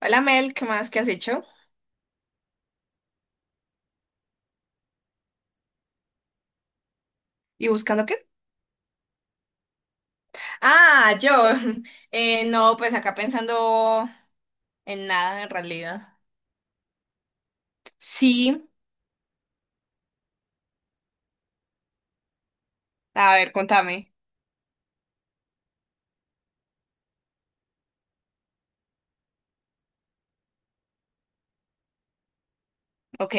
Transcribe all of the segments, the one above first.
Hola Mel, ¿qué más? ¿Qué has hecho? ¿Y buscando qué? Ah, yo. No, pues acá pensando en nada en realidad. Sí, a ver, contame, ¿ok?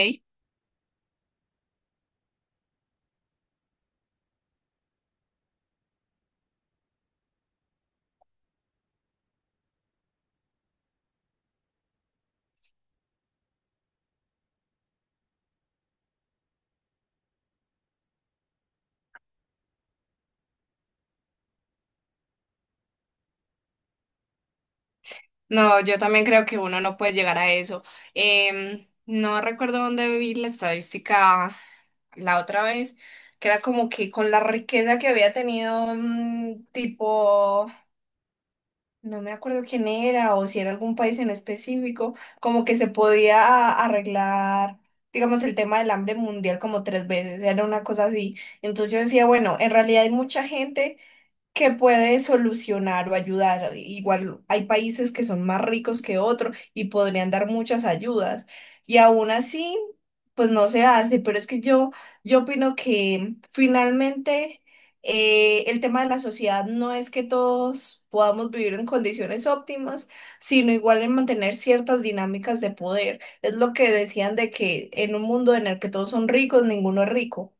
No, yo también creo que uno no puede llegar a eso. No recuerdo dónde vi la estadística la otra vez, que era como que con la riqueza que había tenido, tipo, no me acuerdo quién era o si era algún país en específico, como que se podía arreglar, digamos, el tema del hambre mundial como tres veces, era una cosa así. Entonces yo decía, bueno, en realidad hay mucha gente que puede solucionar o ayudar. Igual hay países que son más ricos que otros y podrían dar muchas ayudas. Y aún así, pues no se hace. Pero es que yo opino que finalmente el tema de la sociedad no es que todos podamos vivir en condiciones óptimas, sino igual en mantener ciertas dinámicas de poder. Es lo que decían de que en un mundo en el que todos son ricos, ninguno es rico.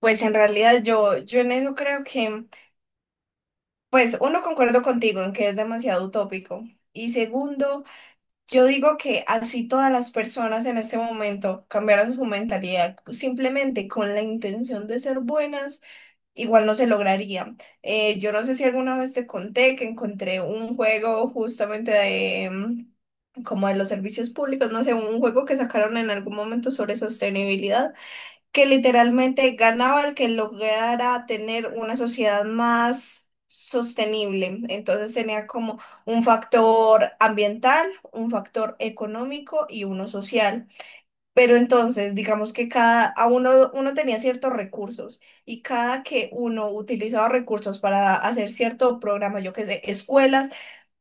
Pues en realidad yo en eso creo que, pues uno, concuerdo contigo en que es demasiado utópico. Y segundo, yo digo que así todas las personas en este momento cambiaran su mentalidad simplemente con la intención de ser buenas, igual no se lograría. Yo no sé si alguna vez te conté que encontré un juego justamente de, como de los servicios públicos, no sé, un juego que sacaron en algún momento sobre sostenibilidad que literalmente ganaba el que lograra tener una sociedad más sostenible. Entonces tenía como un factor ambiental, un factor económico y uno social. Pero entonces, digamos que cada uno tenía ciertos recursos y cada que uno utilizaba recursos para hacer cierto programa, yo qué sé, escuelas,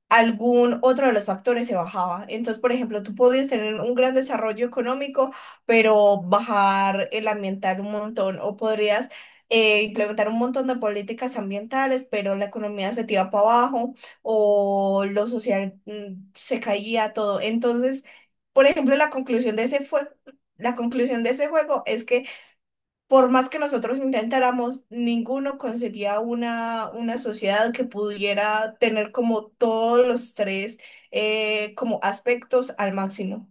algún otro de los factores se bajaba. Entonces, por ejemplo, tú podías tener un gran desarrollo económico, pero bajar el ambiental un montón, o podrías implementar un montón de políticas ambientales, pero la economía se te iba para abajo, o lo social se caía todo. Entonces, por ejemplo, la conclusión de ese fue... La conclusión de ese juego es que por más que nosotros intentáramos, ninguno conseguía una sociedad que pudiera tener como todos los tres como aspectos al máximo.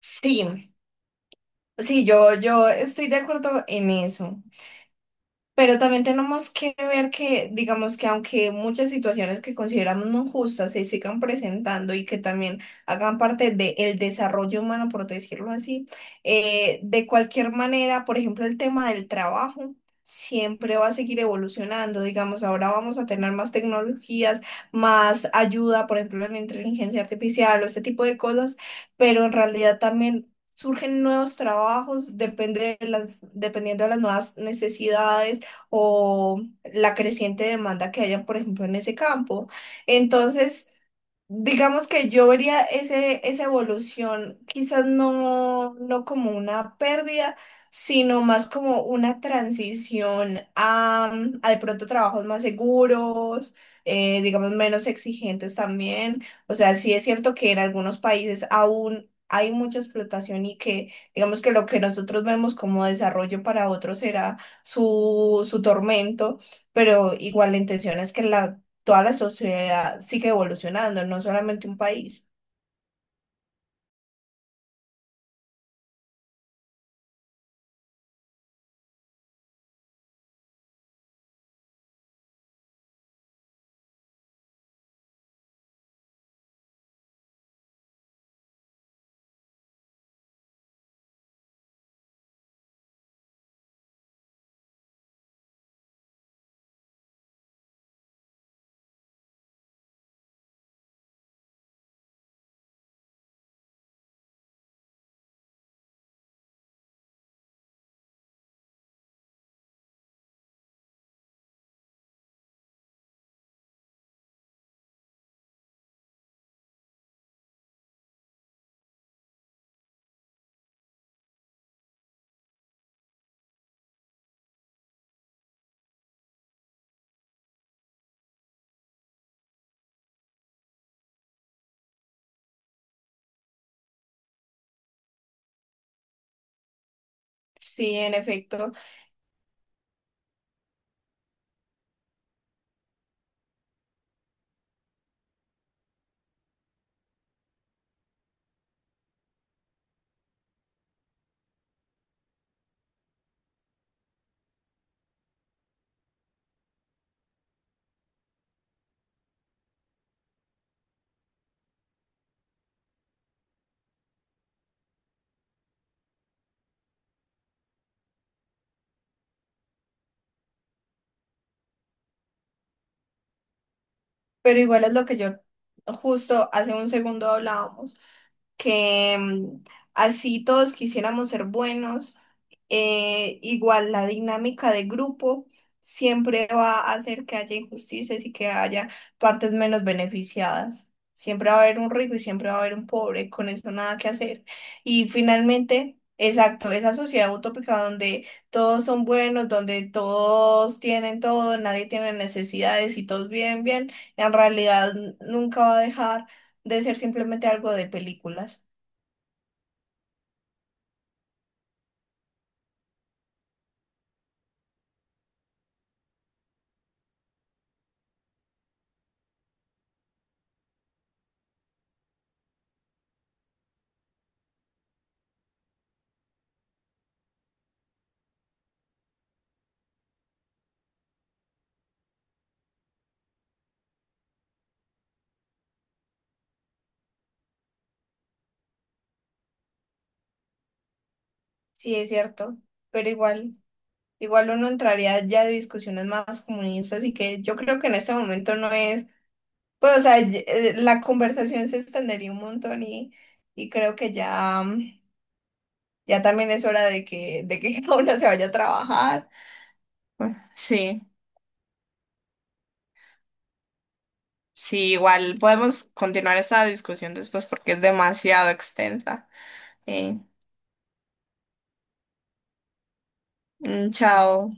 Sí, sí, yo estoy de acuerdo en eso. Pero también tenemos que ver que, digamos que aunque muchas situaciones que consideramos no justas se sigan presentando y que también hagan parte del desarrollo humano, por decirlo así, de cualquier manera, por ejemplo, el tema del trabajo siempre va a seguir evolucionando. Digamos, ahora vamos a tener más tecnologías, más ayuda, por ejemplo, en la inteligencia artificial o este tipo de cosas, pero en realidad también... Surgen nuevos trabajos, depende de dependiendo de las nuevas necesidades o la creciente demanda que haya, por ejemplo, en ese campo. Entonces, digamos que yo vería esa evolución quizás no como una pérdida, sino más como una transición a de pronto trabajos más seguros, digamos menos exigentes también. O sea, sí es cierto que en algunos países aún hay mucha explotación y que digamos que lo que nosotros vemos como desarrollo para otros será su tormento, pero igual la intención es que la toda la sociedad sigue evolucionando, no solamente un país. Sí, en efecto, pero igual es lo que yo justo hace un segundo hablábamos, que así todos quisiéramos ser buenos, igual la dinámica de grupo siempre va a hacer que haya injusticias y que haya partes menos beneficiadas. Siempre va a haber un rico y siempre va a haber un pobre, con eso nada que hacer. Y finalmente, exacto, esa sociedad utópica donde todos son buenos, donde todos tienen todo, nadie tiene necesidades y todos viven bien. En realidad nunca va a dejar de ser simplemente algo de películas. Sí, es cierto, pero igual, igual uno entraría ya de discusiones más comunistas y que yo creo que en este momento no es, pues o sea, la conversación se extendería un montón y creo que ya, ya también es hora de que cada uno se vaya a trabajar. Bueno, sí, sí, igual podemos continuar esta discusión después porque es demasiado extensa. Eh, Chao.